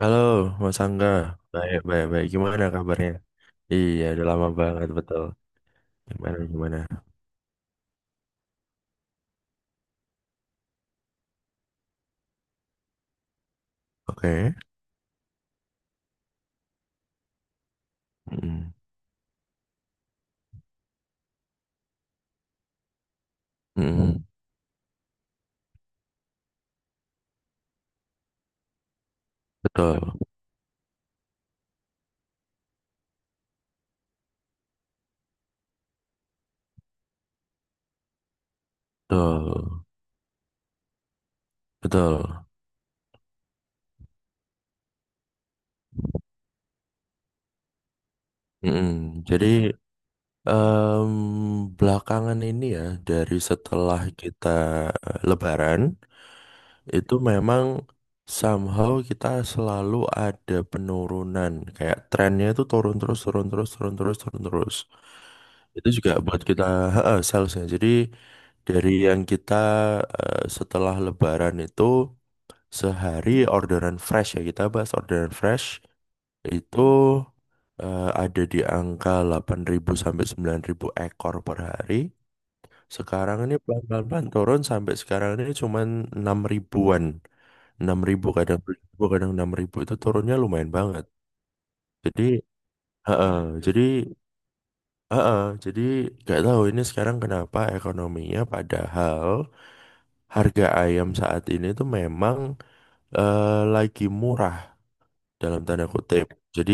Halo, Mas Angga. Baik, baik, baik. Gimana kabarnya? Iya, udah lama banget, betul. Gimana, gimana? Oke. Mm-mm. Mm-mm. Betul, betul, betul. Mm-mm. Jadi, em, belakangan ini ya, dari setelah kita Lebaran, itu memang somehow kita selalu ada penurunan. Kayak trennya itu turun terus, turun terus, turun terus, turun terus. Itu juga buat kita, heeh, salesnya. Jadi, dari yang kita setelah Lebaran itu sehari orderan fresh, ya kita bahas orderan fresh, itu ada di angka 8.000 sampai 9.000 ekor per hari. Sekarang ini pelan-pelan turun sampai sekarang ini cuma 6 ribuan. 6 ribu kadang 7.000, kadang 6 ribu, itu turunnya lumayan banget. Jadi, heeh. Jadi, heeh. Jadi, nggak tahu ini sekarang kenapa ekonominya, padahal harga ayam saat ini tuh memang eh, lagi murah dalam tanda kutip. Jadi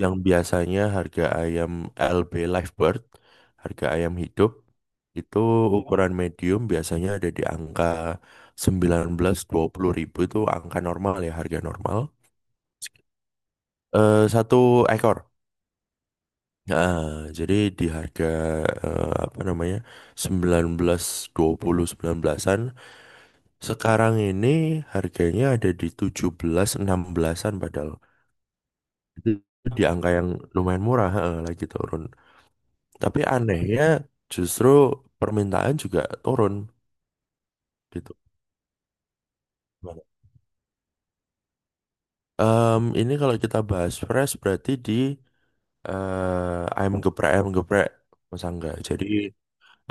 yang biasanya harga ayam LB Livebird, harga ayam hidup, itu ukuran medium biasanya ada di angka 19-20 ribu, itu angka normal ya, harga normal. Satu ekor. Nah, jadi di harga apa namanya, 19, 20, 19-an. Sekarang ini harganya ada di tujuh belas enam belasan padahal. Itu di angka yang lumayan murah, heeh, lagi turun. Tapi anehnya justru permintaan juga turun gitu. Ini kalau kita bahas fresh berarti di ayam geprek, ayam geprek, Mas Angga. Jadi,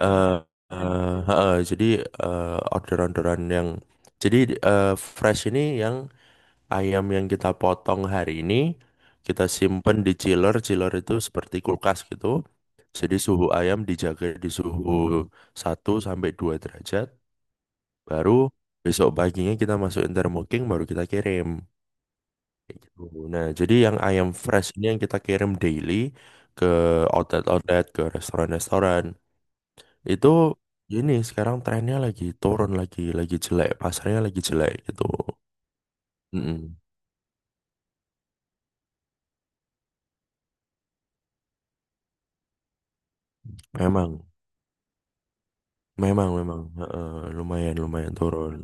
eh heeh. Jadi, orderan-orderan yang, jadi, eh, fresh ini yang ayam, yang kita potong hari ini, kita simpen di chiller. Chiller itu seperti kulkas gitu. Jadi suhu ayam dijaga di suhu satu sampai 2 derajat. Baru besok paginya kita masukin thermooking, baru kita kirim. Kayak gitu. Nah, jadi yang ayam fresh ini yang kita kirim daily ke outlet-outlet, ke restoran-restoran. Itu, ini sekarang trennya lagi turun lagi jelek. Pasarnya lagi jelek gitu. Mm-mm. Memang. Memang, memang heeh, lumayan, lumayan turun.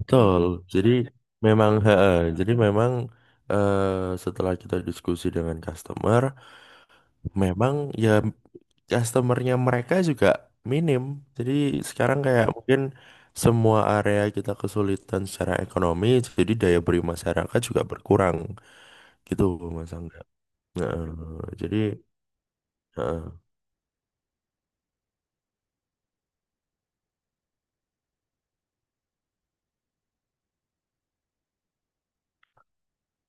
Betul. Jadi, memang, heeh. Jadi, memang, setelah kita diskusi dengan customer, memang ya, customernya mereka juga minim. Jadi sekarang kayak mungkin semua area kita kesulitan secara ekonomi, jadi daya beli masyarakat juga berkurang gitu, Mas Angga. Heeh, jadi heeh.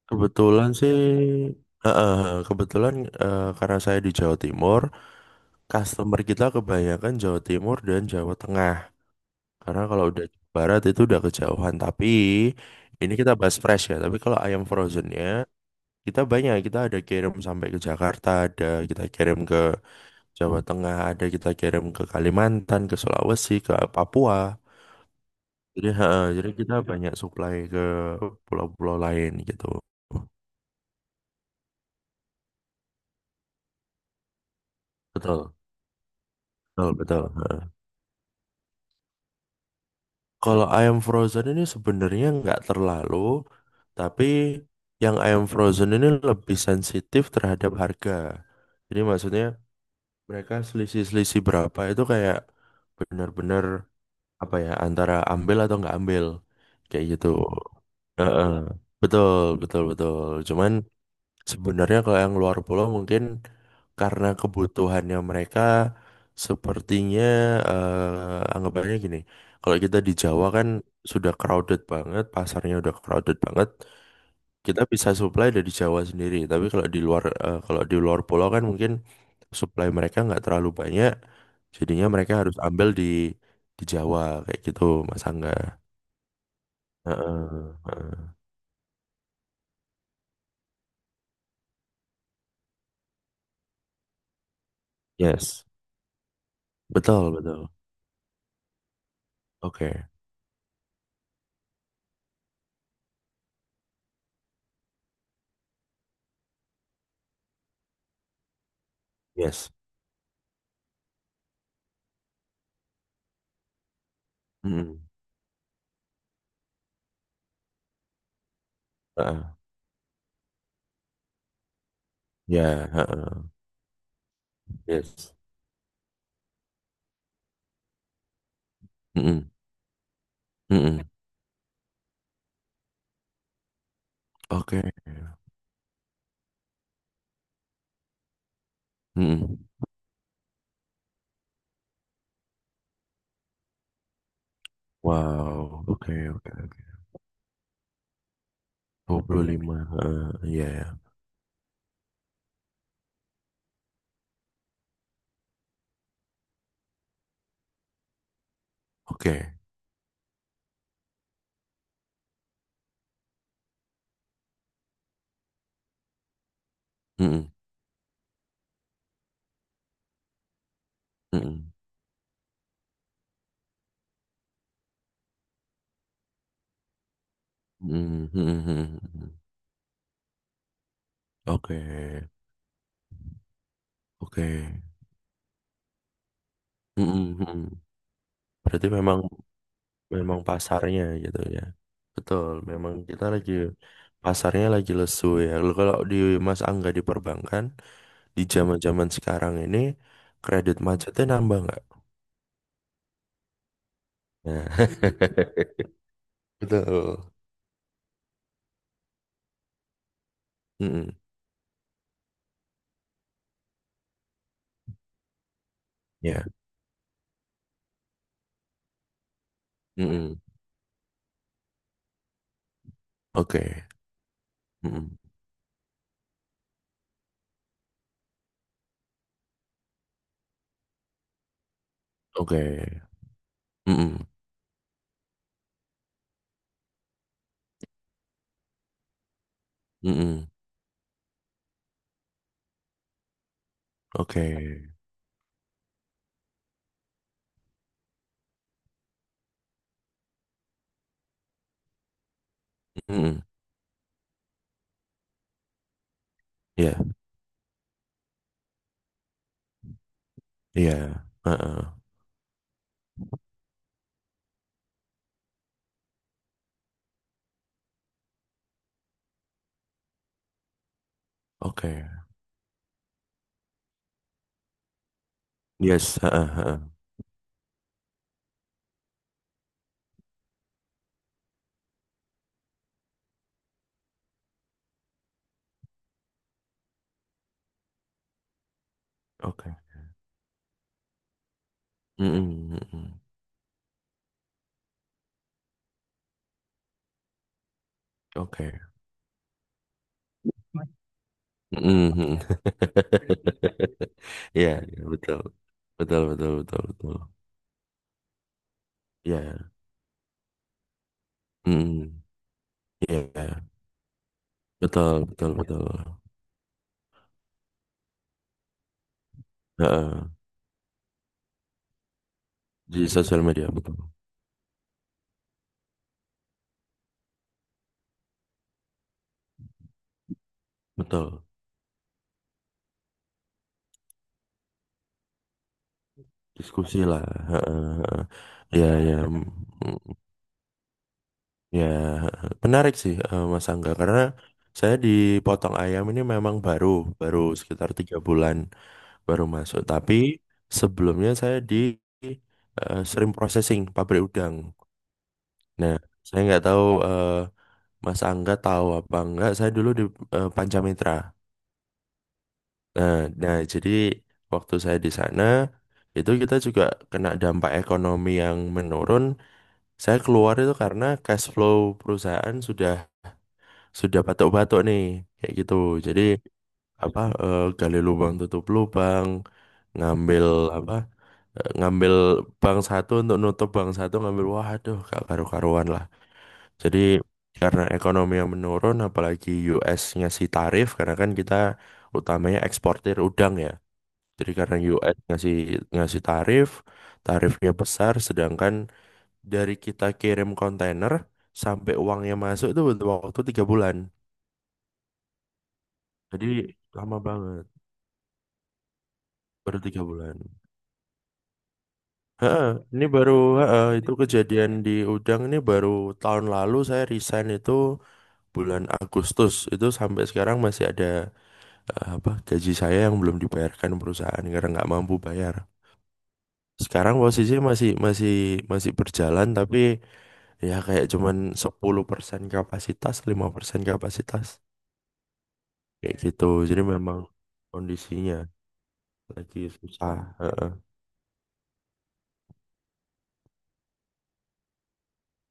Kebetulan sih, eh, eh, kebetulan, karena saya di Jawa Timur, customer kita kebanyakan Jawa Timur dan Jawa Tengah. Karena kalau udah Jawa Barat itu udah kejauhan. Tapi ini kita bahas fresh ya. Tapi kalau ayam frozennya, kita banyak. Kita ada kirim sampai ke Jakarta, ada kita kirim ke Jawa Tengah, ada kita kirim ke Kalimantan, ke Sulawesi, ke Papua. Jadi, jadi kita banyak supply ke pulau-pulau lain gitu. Betul, betul, betul. Kalau ayam frozen ini sebenarnya nggak terlalu, tapi yang ayam frozen ini lebih sensitif terhadap harga. Jadi maksudnya mereka selisih-selisih berapa itu kayak benar-benar apa ya, antara ambil atau nggak ambil kayak gitu. Heeh. Betul, betul, betul. Cuman, sebenarnya kalau yang luar pulau mungkin karena kebutuhannya mereka sepertinya, anggapannya gini. Kalau kita di Jawa kan sudah crowded banget, pasarnya udah crowded banget. Kita bisa supply dari Jawa sendiri. Tapi kalau di luar, kalau di luar pulau kan mungkin supply mereka nggak terlalu banyak. Jadinya mereka harus ambil di Jawa kayak gitu, Mas Angga. Heeh, heeh. Yes, betul, betul. Oke, yes. Mm-mm. Heeh. Ya, heeh. Yes. Mm-mm, mm-mm. Oke. Mm-mm. Wow. Oke, oke. 25. Heeh. Iya, ya. Oke. Mm-mm, mm-mm, mm-mm, mm-mm, mm-mm. Oke. Oke. Mm-mm, mm-mm. Berarti memang memang pasarnya gitu ya. Betul, memang kita lagi, pasarnya lagi lesu ya. Lalu kalau di Mas Angga di perbankan di zaman-zaman sekarang ini, kredit macetnya nambah nggak? Nah. Betul. Mm-mm. Ya. Mm-mm. Oke. Mm-mm. Oke. Mm-mm. Mm-mm. Oke. Mm-mm. Ya. Iya. Heeh. Oke. Yes. Heeh. Heeh. Oke. Mm-mm. Mm-mm. Oke. Mm-mm. Ya, ya, betul. Betul. Betul. Betul. Betul. Ya. Mm-mm. Ya, ya. Betul. Betul. Betul. Heeh. Di sosial media. Betul. Betul. Diskusi lah. Heeh, heeh. Ya. Ya. Ya, heeh, menarik sih, Mas Angga, karena saya di Potong Ayam ini memang baru baru sekitar 3 bulan baru masuk. Tapi sebelumnya saya di shrimp processing, pabrik udang. Nah, saya nggak tahu Mas Angga tahu apa enggak. Saya dulu di Pancamitra. Nah, nah, jadi waktu saya di sana itu kita juga kena dampak ekonomi yang menurun. Saya keluar itu karena cash flow perusahaan sudah batuk-batuk nih kayak gitu. Jadi, apa, gali lubang tutup lubang, ngambil apa, ngambil bank satu untuk nutup bank satu, ngambil, waduh, gak karu-karuan lah. Jadi karena ekonomi yang menurun, apalagi US ngasih tarif, karena kan kita utamanya eksportir udang ya. Jadi karena US ngasih ngasih tarif, tarifnya besar, sedangkan dari kita kirim kontainer sampai uangnya masuk itu butuh waktu 3 bulan. Jadi lama banget, baru 3 bulan. Heeh, ini baru heeh, itu kejadian di Udang ini baru tahun lalu. Saya resign itu bulan Agustus. Itu sampai sekarang masih ada apa, gaji saya yang belum dibayarkan perusahaan karena nggak mampu bayar. Sekarang posisi masih masih masih berjalan, tapi ya kayak cuman 10% kapasitas, 5% kapasitas kayak gitu. Jadi memang kondisinya lagi susah. Heeh.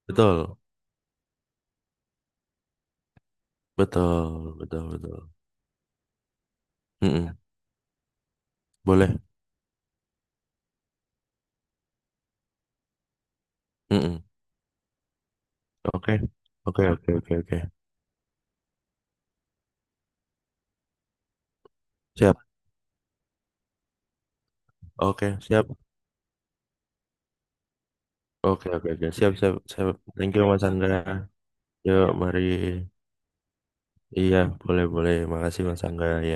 Betul. Betul, betul, betul. Mm-mm. Boleh. Mm-mm. Oke. Oke, oke, oke, oke. Siap. Oke, siap. Oke, oke, oke. Siap, siap, siap. Thank you, Mas Angga. Yuk, mari. Iya, boleh, boleh. Makasih, Mas Angga. Ya